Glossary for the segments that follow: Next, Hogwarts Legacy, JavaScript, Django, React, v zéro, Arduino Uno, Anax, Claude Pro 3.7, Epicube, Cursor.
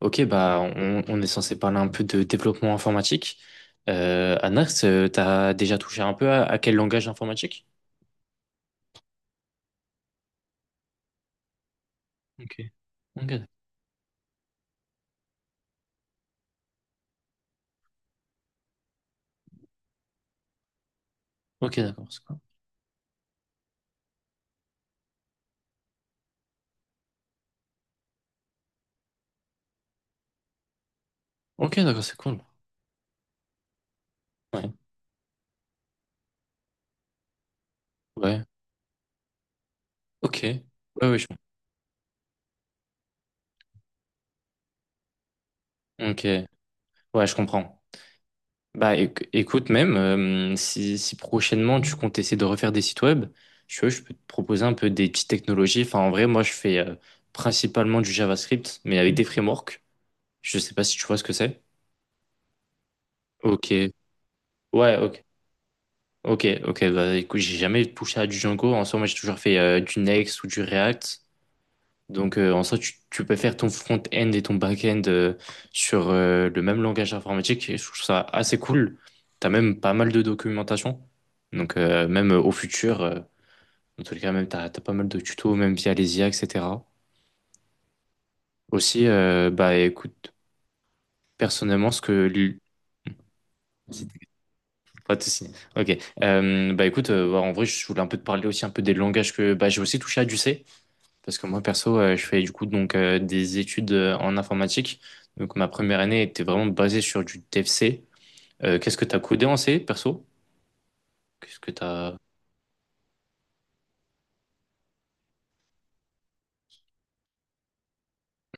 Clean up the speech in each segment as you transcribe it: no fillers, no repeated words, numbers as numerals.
Ok, bah on est censé parler un peu de développement informatique. Anax, t'as déjà touché un peu à quel langage informatique? Ok. Ok, ok, d'accord, c'est cool. Ok, d'accord, c'est cool. Ouais, ouais, ok. Ouais, ouais. Ok, ouais, je comprends. Bah écoute, même si prochainement tu comptes essayer de refaire des sites web, je peux te proposer un peu des petites technologies. Enfin, en vrai, moi, je fais principalement du JavaScript, mais avec des frameworks. Je sais pas si tu vois ce que c'est. Ok, ouais, ok. Ok, ok, bah écoute, j'ai jamais touché à du Django. En soi, moi j'ai toujours fait du Next ou du React. Donc en soi, tu peux faire ton front-end et ton back-end sur le même langage informatique. Et je trouve ça assez cool. T'as même pas mal de documentation. Donc même au futur, dans tous les cas, même t'as pas mal de tutos, même via les IA, etc. Aussi, bah écoute, personnellement, pas de souci. Ok. En vrai, je voulais un peu te parler aussi un peu des langages que bah, j'ai aussi touché à du C. Parce que moi, perso, je fais donc des études en informatique. Donc ma première année était vraiment basée sur du DFC. Qu'est-ce que t'as codé en C, perso? Qu'est-ce que t'as...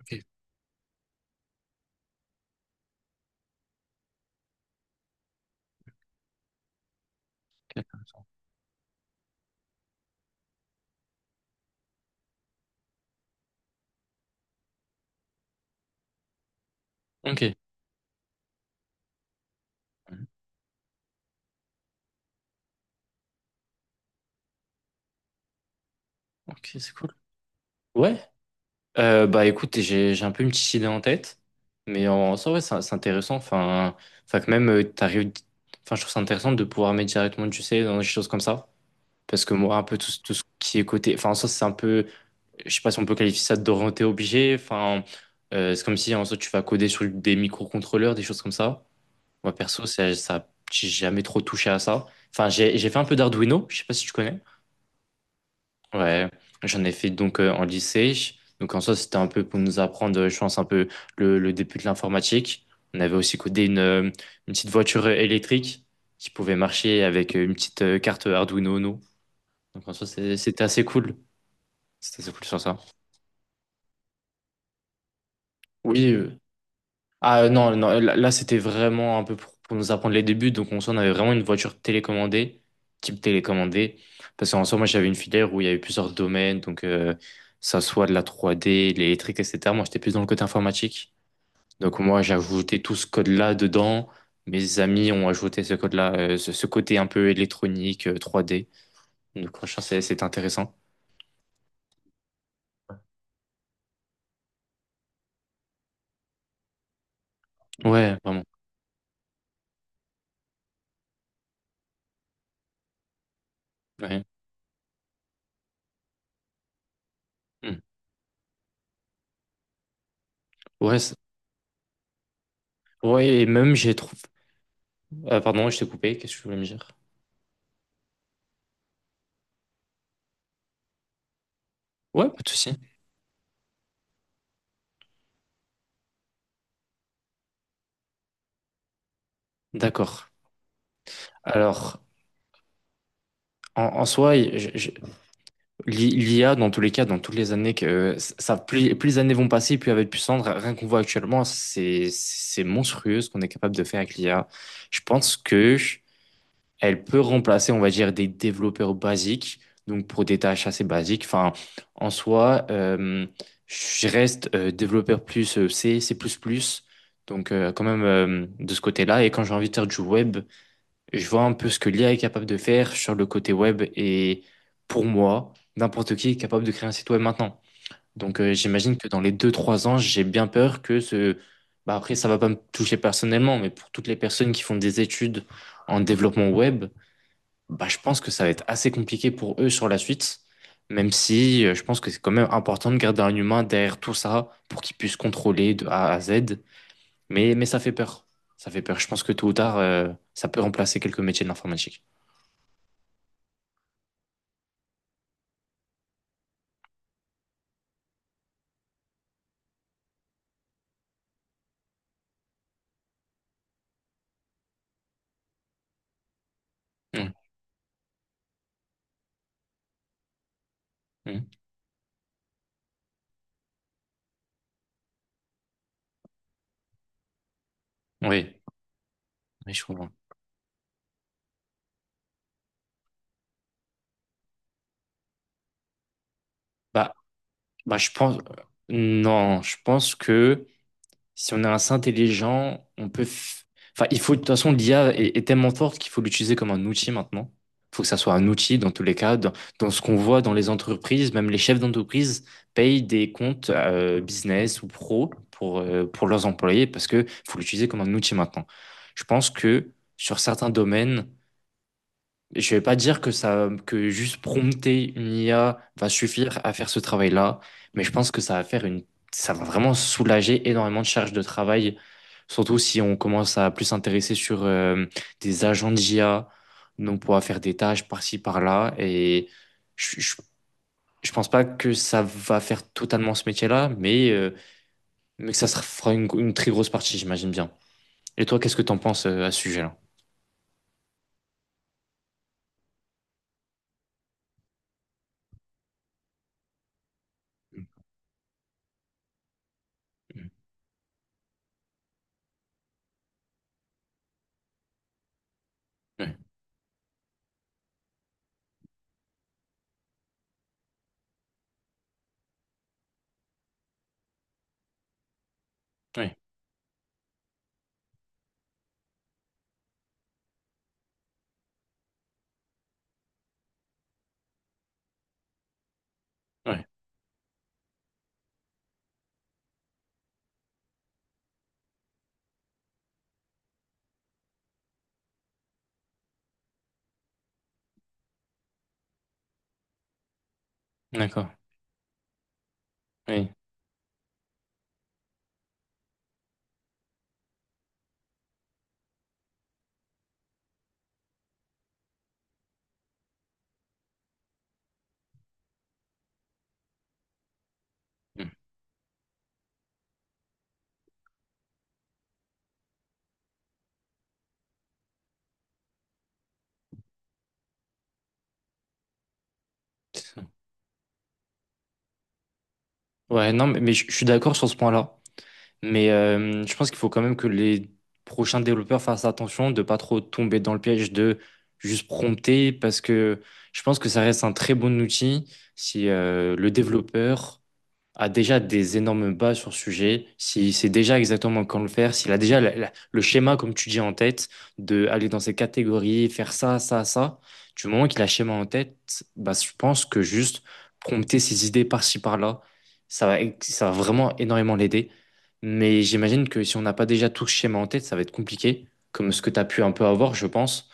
Ok, intéressant. Ok, Ok, c'est cool. Ouais. Bah écoute, j'ai un peu une petite idée en tête, mais en soi, ouais, c'est intéressant. Enfin que même t'arrives, enfin je trouve ça intéressant de pouvoir mettre directement du C dans des choses comme ça, parce que moi, un peu tout, tout ce qui est côté, enfin en soi, c'est un peu je sais pas si on peut qualifier ça d'orienté objet. Enfin, c'est comme si en soi tu vas coder sur des microcontrôleurs, des choses comme ça. Moi perso, j'ai jamais trop touché à ça. Enfin, j'ai fait un peu d'Arduino, je sais pas si tu connais. Ouais, j'en ai fait donc en lycée. Donc en soi, c'était un peu pour nous apprendre, je pense, un peu le début de l'informatique. On avait aussi codé une petite voiture électrique qui pouvait marcher avec une petite carte Arduino Uno. C'était assez cool. C'était assez cool sur ça. Oui. Ah non, c'était vraiment un peu pour nous apprendre les débuts. Donc en soi, on avait vraiment une voiture télécommandée, type télécommandée. Parce qu'en soi, moi j'avais une filière où il y avait plusieurs domaines, ça soit de la 3D, l'électrique, etc. Moi j'étais plus dans le côté informatique. Donc moi j'ai ajouté tout ce code-là dedans. Mes amis ont ajouté ce code-là, ce côté un peu électronique, 3D. Donc franchement, c'est intéressant. Ouais, vraiment. Ouais. Mm. ouais, c'est- ouais, et même j'ai trouvé. Ah, pardon, je t'ai coupé, qu'est-ce que je voulais me dire? Ouais, pas de souci. D'accord. Alors, en soi, l'IA, dans tous les cas, dans toutes les années que ça, plus les années vont passer, plus elle va être puissante. Rien qu'on voit actuellement, c'est monstrueux ce qu'on est capable de faire avec l'IA. Je pense que elle peut remplacer, on va dire, des développeurs basiques, donc pour des tâches assez basiques. Enfin, en soi, je reste développeur plus C, C++, donc quand même de ce côté-là. Et quand j'ai envie de faire du web. Je vois un peu ce que l'IA est capable de faire sur le côté web et pour moi, n'importe qui est capable de créer un site web maintenant. Donc j'imagine que dans les deux trois ans, j'ai bien peur que ce... Bah, après, ça va pas me toucher personnellement, mais pour toutes les personnes qui font des études en développement web, bah, je pense que ça va être assez compliqué pour eux sur la suite, même si je pense que c'est quand même important de garder un humain derrière tout ça pour qu'il puisse contrôler de A à Z. Mais ça fait peur. Ça fait peur. Je pense que tôt ou tard, ça peut remplacer quelques métiers de l'informatique. Mm, mm. Oui, oui, je comprends. Bah, bah, je pense, euh, non, je pense que si on est assez intelligent, on peut, f- enfin, il faut, de toute façon, l'IA est tellement forte qu'il faut l'utiliser comme un outil maintenant. Il faut que ça soit un outil dans tous les cas, dans ce qu'on voit dans les entreprises, même les chefs d'entreprise payent des comptes business ou pro pour leurs employés parce que faut l'utiliser comme un outil maintenant. Je pense que sur certains domaines, je vais pas dire que juste prompter une IA va suffire à faire ce travail-là, mais je pense que ça va vraiment soulager énormément de charges de travail, surtout si on commence à plus s'intéresser sur des agents de IA, donc on pourra faire des tâches par-ci par-là, et je, je, je pense pas que ça va faire totalement ce métier-là, mais que ça se fera une très grosse partie, j'imagine bien. Et toi, qu'est-ce que t'en penses à ce sujet-là? Oui, oui, oui, d'accord, oui. Mm. Ouais, non, mais je suis d'accord sur ce point-là. Mais je pense qu'il faut quand même que les prochains développeurs fassent attention de pas trop tomber dans le piège de juste prompter parce que je pense que ça reste un très bon outil si le développeur a déjà des énormes bases sur le sujet, s'il sait déjà exactement quand le faire, s'il a déjà le schéma, comme tu dis, en tête, de aller dans ces catégories, faire ça, ça, ça, du moment qu'il a le schéma en tête, bah, je pense que juste prompter ses idées par-ci, par-là, ça va vraiment énormément l'aider. Mais j'imagine que si on n'a pas déjà tout ce schéma en tête, ça va être compliqué, comme ce que tu as pu un peu avoir, je pense.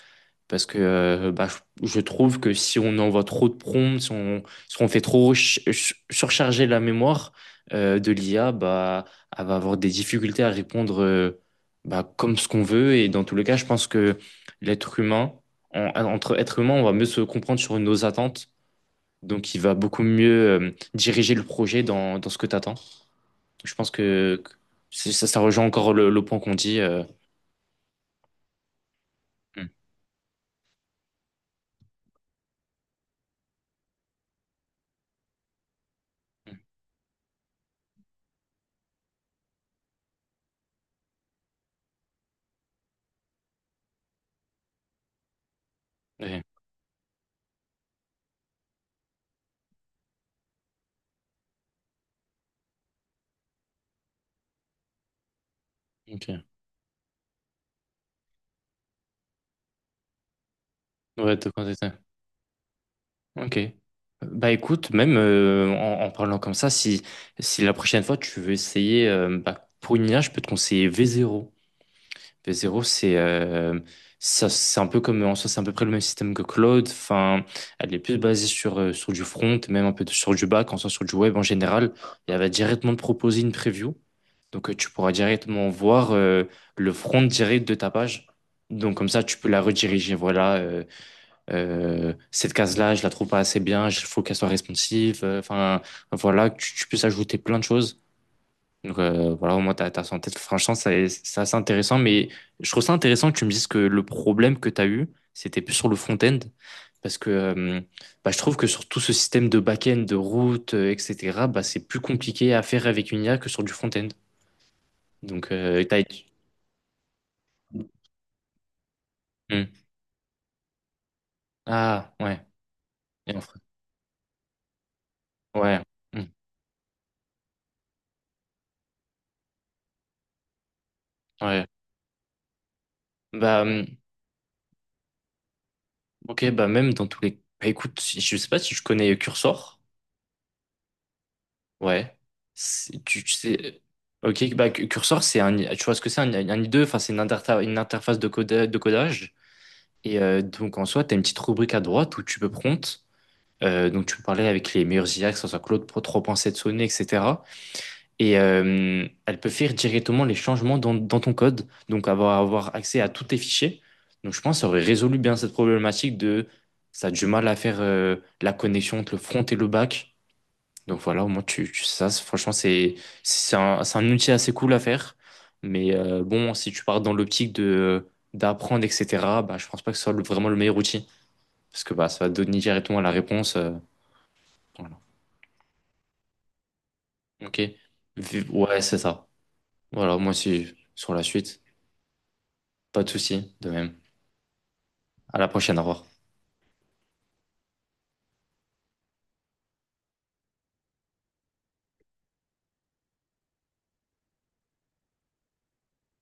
Parce que bah, je trouve que si on envoie trop de prompts, si on, parce qu'on fait trop surcharger la mémoire de l'IA, bah, elle va avoir des difficultés à répondre bah, comme ce qu'on veut. Et dans tous les cas, je pense que l'être humain, entre êtres humains, on va mieux se comprendre sur nos attentes. Donc, il va beaucoup mieux diriger le projet dans ce que tu attends. Je pense que ça, ça rejoint encore le point qu'on dit. Hmm. Ouais, ok. Ouais, de quoi t'étais. Ok. Bah écoute, même en, en parlant comme ça, si la prochaine fois tu veux essayer, bah, pour une IA, je peux te conseiller v zéro. V zéro, c'est un peu comme, en soi, c'est à peu près le même système que Claude. Enfin, elle est plus basée sur, sur du front, même un peu sur du back, en soi, sur du web en général. Et elle va directement te proposer une preview. Donc tu pourras directement voir le front direct de ta page. Donc comme ça, tu peux la rediriger, voilà, cette case-là, je la trouve pas assez bien, il faut qu'elle soit responsive. Enfin, voilà, que tu puisses ajouter plein de choses. Donc, voilà, au moins, t'as ça en tête. Franchement, c'est assez intéressant, mais je trouve ça intéressant que tu me dises que le problème que tu as eu, c'était plus sur le front-end. Parce que bah, je trouve que sur tout ce système de back-end, de route, etc., bah, c'est plus compliqué à faire avec une IA que sur du front-end. Donc, Hmm. Ah, ouais. Et enfin, ouais. Hmm. Ouais. Bah, hmm, Ok, bah même dans tous les... Bah écoute, je sais pas si je connais Cursor. Ouais. C'est- Tu, tu sais... Ok, bah Cursor, c'est un... Tu vois ce que c'est un IDE? Enfin, c'est une interface de, de codage. Et donc en soi, tu as une petite rubrique à droite où tu peux prompt. Donc tu peux parler avec les meilleurs IA, que ce soit Claude Pro 3.7, Sony, etc. Et elle peut faire directement les changements dans ton code, donc avoir accès à tous tes fichiers. Donc je pense que ça aurait résolu bien cette problématique de ça a du mal à faire la connexion entre le front et le back. Donc voilà, au moins tu sais ça, franchement, c'est un outil assez cool à faire. Mais bon, si tu pars dans l'optique de d'apprendre, etc., bah, je pense pas que ce soit vraiment le meilleur outil. Parce que bah, ça va donner directement la réponse. Voilà. Ok. Ouais, c'est ça. Voilà, moi, c'est sur la suite. Pas de souci, de même. À la prochaine, au revoir.